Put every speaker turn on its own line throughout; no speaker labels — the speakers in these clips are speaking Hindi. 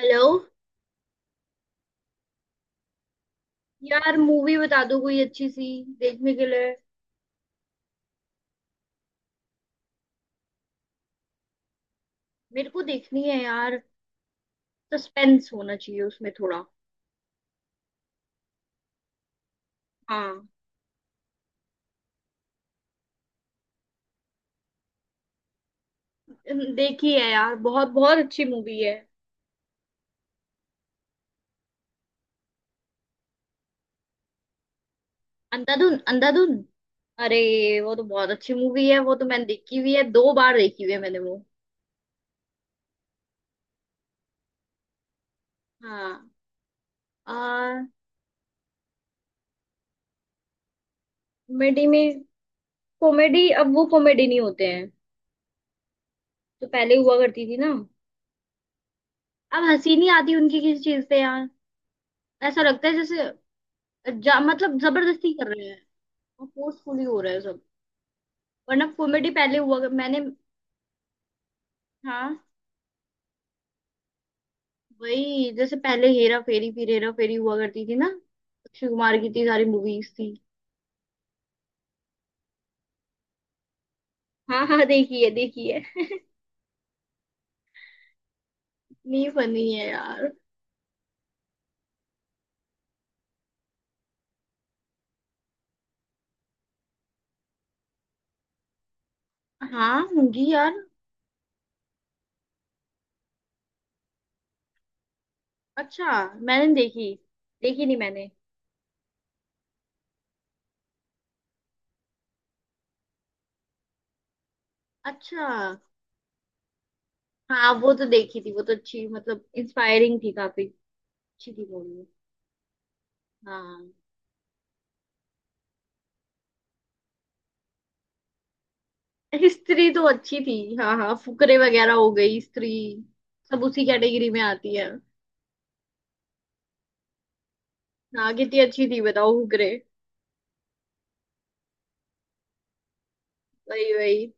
हेलो। यार मूवी बता दो कोई अच्छी सी देखने के लिए। मेरे को देखनी है यार। सस्पेंस होना चाहिए उसमें थोड़ा। हाँ। देखी है यार, बहुत बहुत अच्छी मूवी है। अंधाधुन, अंधाधुन। अरे वो तो बहुत अच्छी मूवी है, वो तो मैंने देखी हुई है, दो बार देखी हुई है मैंने वो। हाँ। आ। कॉमेडी में। कॉमेडी अब वो कॉमेडी नहीं होते हैं जो पहले हुआ करती थी ना। अब हंसी नहीं आती उनकी किसी चीज से यार। ऐसा लगता है जैसे मतलब जबरदस्ती कर रहे हैं। फोर्सफुली हो रहा है सब। वरना कॉमेडी पहले मैंने। हाँ। वही जैसे पहले हेरा फेरी, फिर हेरा फेरी हुआ करती थी ना। अक्षय कुमार की इतनी सारी मूवीज थी। हाँ हाँ देखी है देखी है। इतनी फनी है यार। हाँ होंगी यार। अच्छा मैंने नहीं देखी, देखी नहीं मैंने। अच्छा। हाँ वो तो देखी थी, वो तो अच्छी मतलब इंस्पायरिंग थी काफी, अच्छी थी मूवी। हाँ। स्त्री तो अच्छी थी, हाँ हाँ, फुकरे वगैरह, हो गई स्त्री, सब उसी कैटेगरी में आती है। हाँ कितनी अच्छी थी बताओ हुकरे। वही वही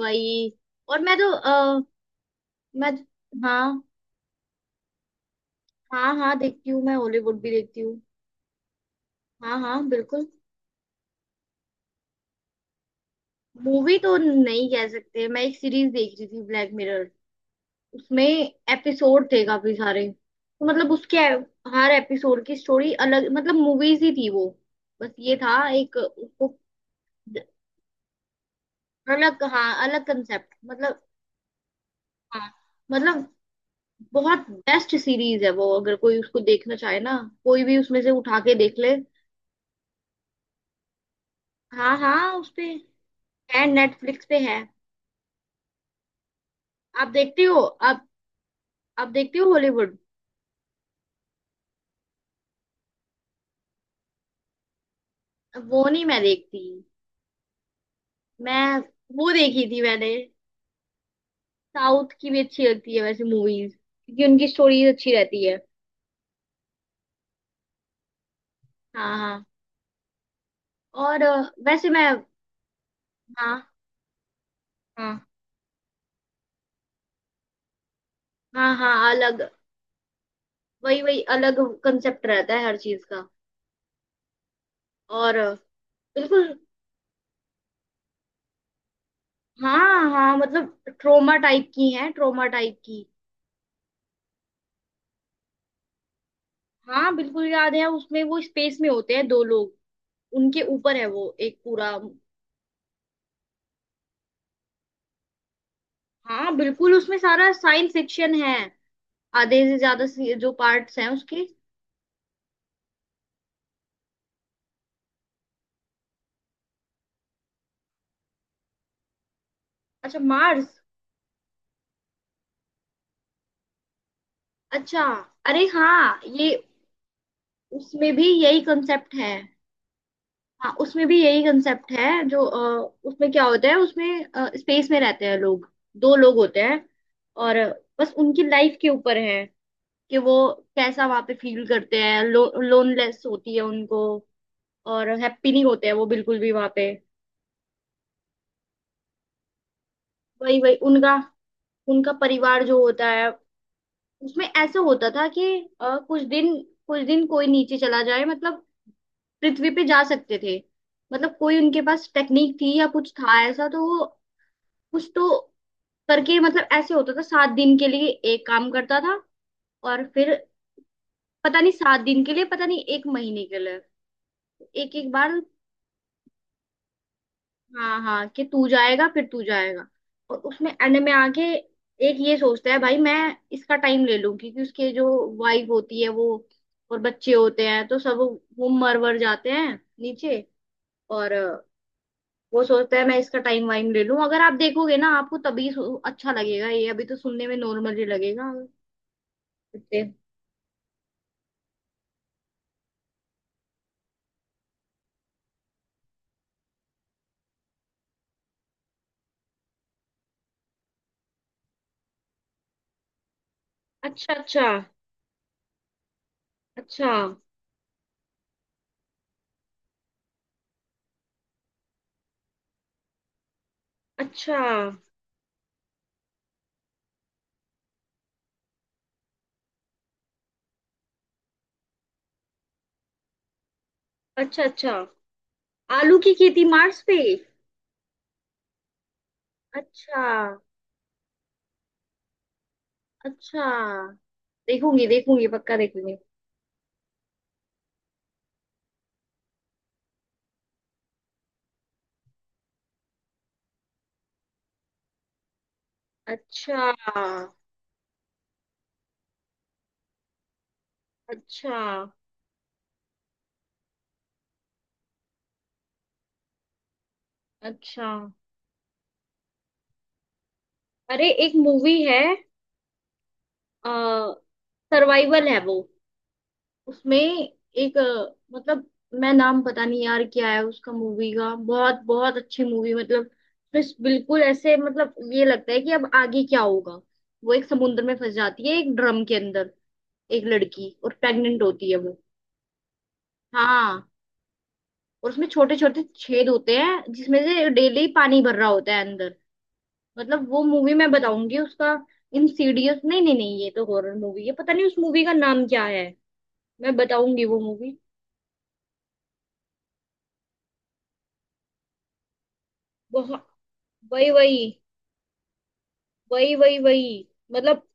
वही। और मैं तो मैं। हाँ हाँ हाँ देखती हूँ, मैं हॉलीवुड भी देखती हूँ। हाँ हाँ बिल्कुल। मूवी तो नहीं कह सकते, मैं एक सीरीज देख रही थी, ब्लैक मिरर। उसमें एपिसोड थे काफी सारे, तो मतलब उसके हर एपिसोड की स्टोरी अलग, मतलब मूवीज ही थी वो, बस ये था एक उसको। अलग, हाँ अलग कंसेप्ट मतलब। हाँ। मतलब बहुत बेस्ट सीरीज है वो, अगर कोई उसको देखना चाहे ना, कोई भी उसमें से उठा के देख ले। हाँ हाँ उस पे है, नेटफ्लिक्स पे है। आप देखती हो? आप? आप देखती हो हॉलीवुड? वो नहीं मैं देखती। मैं वो देखी थी मैंने। साउथ की भी अच्छी लगती है वैसे मूवीज, क्योंकि उनकी स्टोरीज अच्छी रहती है। हाँ हाँ। और वैसे मैं। हाँ। हाँ हाँ, हाँ अलग। वही वही, अलग कंसेप्ट रहता है हर चीज का। और बिल्कुल। हाँ हाँ मतलब ट्रोमा टाइप की हैं, ट्रोमा टाइप की। हाँ बिल्कुल याद है, उसमें वो स्पेस में होते हैं दो लोग, उनके ऊपर है वो एक पूरा। हाँ बिल्कुल, उसमें सारा साइंस फिक्शन है। आधे से ज्यादा जो पार्ट्स हैं उसके। अच्छा मार्स। अच्छा अरे हाँ ये, उसमें भी यही कंसेप्ट है। हाँ उसमें भी यही कंसेप्ट है, जो उसमें क्या होता है, उसमें स्पेस में रहते हैं लोग, दो लोग होते हैं, और बस उनकी लाइफ के ऊपर है कि वो कैसा वहां पे फील करते हैं, लोनलेस होती है उनको, और हैप्पी नहीं होते हैं वो बिल्कुल भी वहां पे। वही वही, उनका उनका परिवार जो होता है, उसमें ऐसा होता था कि कुछ दिन, कुछ दिन कोई नीचे चला जाए, मतलब पृथ्वी पे जा सकते थे, मतलब कोई उनके पास टेक्निक थी या कुछ था ऐसा, तो वो कुछ तो करके, मतलब ऐसे होता था सात दिन के लिए एक काम करता था, और फिर पता नहीं सात दिन के लिए, पता नहीं एक महीने के लिए, एक एक बार। हाँ हाँ कि तू जाएगा, फिर तू जाएगा। और उसमें एंड में आके एक ये सोचता है भाई मैं इसका टाइम ले लूं, क्योंकि उसके जो वाइफ होती है वो, और बच्चे होते हैं तो सब, वो मर वर जाते हैं नीचे। और वो सोचता है मैं इसका टाइम वाइम ले लूं। अगर आप देखोगे ना आपको तभी अच्छा लगेगा, ये अभी तो सुनने में नॉर्मल ही लगेगा। इतने। अच्छा, अच्छा अच्छा, अच्छा अच्छा अच्छा। आलू की खेती मार्स पे। अच्छा। अच्छा देखूंगी देखूंगी, पक्का देखूंगी। अच्छा। अच्छा। अच्छा अरे एक मूवी है, आ, सर्वाइवल है वो। उसमें एक मतलब मैं नाम पता नहीं यार क्या है उसका, मूवी का, बहुत बहुत अच्छी मूवी मतलब। बस बिल्कुल ऐसे मतलब ये लगता है कि अब आगे क्या होगा। वो एक समुद्र में फंस जाती है एक ड्रम के अंदर, एक लड़की, और प्रेग्नेंट होती है वो। हाँ। और उसमें छोटे छोटे छेद होते हैं जिसमें से डेली पानी भर रहा होता है अंदर। मतलब वो मूवी मैं बताऊंगी उसका। इंसीडियस, नहीं नहीं नहीं ये तो हॉरर मूवी है, पता नहीं उस मूवी का नाम क्या है। मैं बताऊंगी वो मूवी। बहुत। वही वही वही, वही वही, मतलब।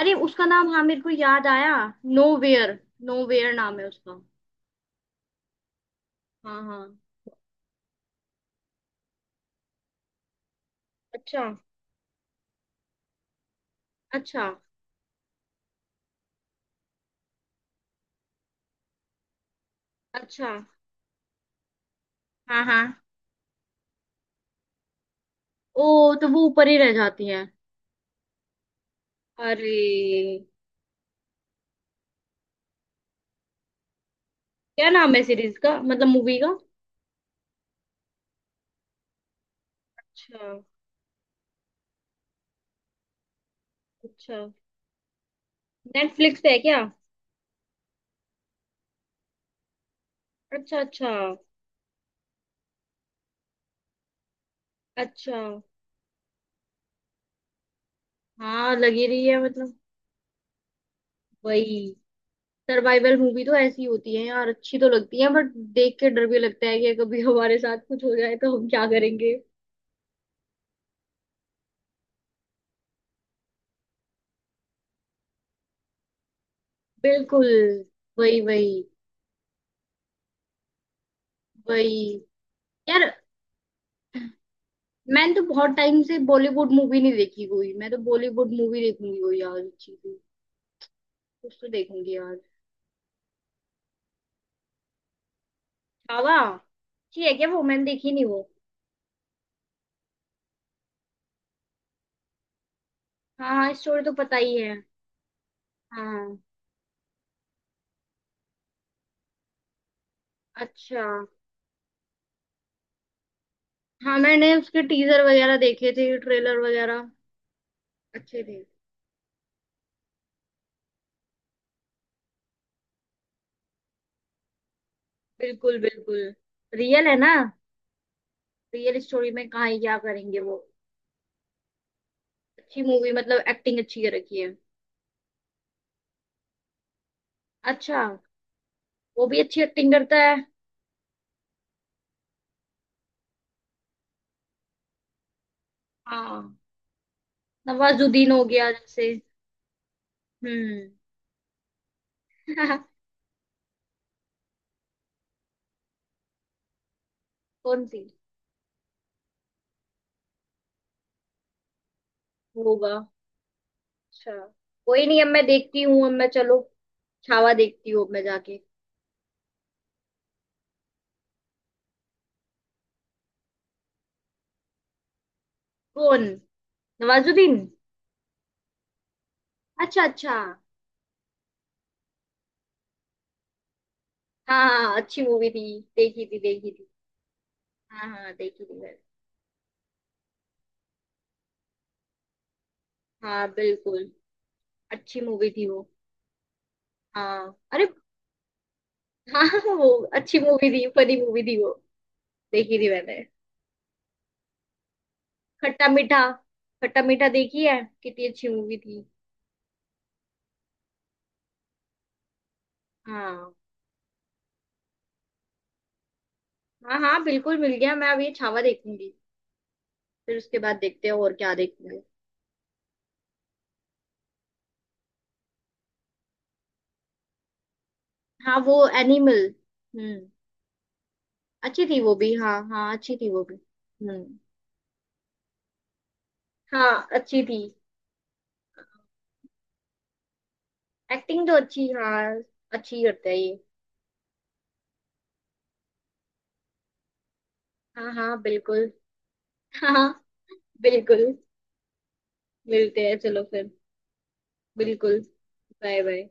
अरे उसका नाम हाँ मेरे को याद आया, नोवेयर, नोवेयर नाम है उसका। हाँ हाँ। अच्छा अच्छा। अच्छा। हाँ हाँ। ओ, तो वो ऊपर ही रह जाती है। अरे। क्या नाम है सीरीज का, मतलब मूवी का। अच्छा। अच्छा नेटफ्लिक्स पे है क्या? अच्छा अच्छा। अच्छा हाँ लगी रही है मतलब। वही। सर्वाइवल मूवी तो ऐसी होती है यार, अच्छी तो लगती है बट देख के डर भी लगता है कि कभी हमारे साथ कुछ हो जाए तो हम क्या करेंगे। बिल्कुल, वही वही। वही। यार मैंने तो बहुत टाइम से बॉलीवुड मूवी नहीं देखी कोई, मैं तो बॉलीवुड मूवी देखूंगी कोई यार अच्छी सी, कुछ तो देखूंगी यार। छावा अच्छी है क्या? वो मैंने देखी नहीं वो। हाँ हाँ स्टोरी तो पता ही है। हाँ। अच्छा हाँ मैंने उसके टीजर वगैरह देखे थे, ट्रेलर वगैरह, अच्छे थे। बिल्कुल बिल्कुल। रियल है ना। रियल स्टोरी में कहाँ ही क्या करेंगे वो। अच्छी मूवी मतलब, एक्टिंग अच्छी कर रखी है। अच्छा। वो भी अच्छी एक्टिंग करता है। हाँ नवाजुद्दीन हो गया जैसे। हम्म। कौन सी होगा। अच्छा कोई नहीं अब मैं देखती हूँ, अब मैं चलो छावा देखती हूँ, अब मैं जाके। कौन, नवाजुद्दीन? अच्छा अच्छा हाँ। हाँ हाँ, अच्छी मूवी थी, देखी थी देखी थी। हाँ हाँ देखी थी मैंने। हाँ बिल्कुल। अच्छी मूवी थी वो। हाँ अरे। हाँ हाँ, वो अच्छी मूवी थी, फनी मूवी थी वो, देखी थी मैंने। खट्टा मीठा, खट्टा मीठा देखी है, कितनी अच्छी मूवी थी। हाँ। हाँ हाँ बिल्कुल मिल गया, मैं अब ये छावा देखूंगी, फिर उसके बाद देखते हैं और क्या देखेंगे। हाँ वो एनिमल। हम्म। अच्छी थी वो भी, हाँ हाँ अच्छी थी वो भी। हम्म। हाँ अच्छी थी। एक्टिंग तो अच्छी हाँ, अच्छी करता है ये। हाँ हाँ बिल्कुल। हाँ हाँ, बिल्कुल। मिलते हैं, चलो फिर। बिल्कुल। Bye bye.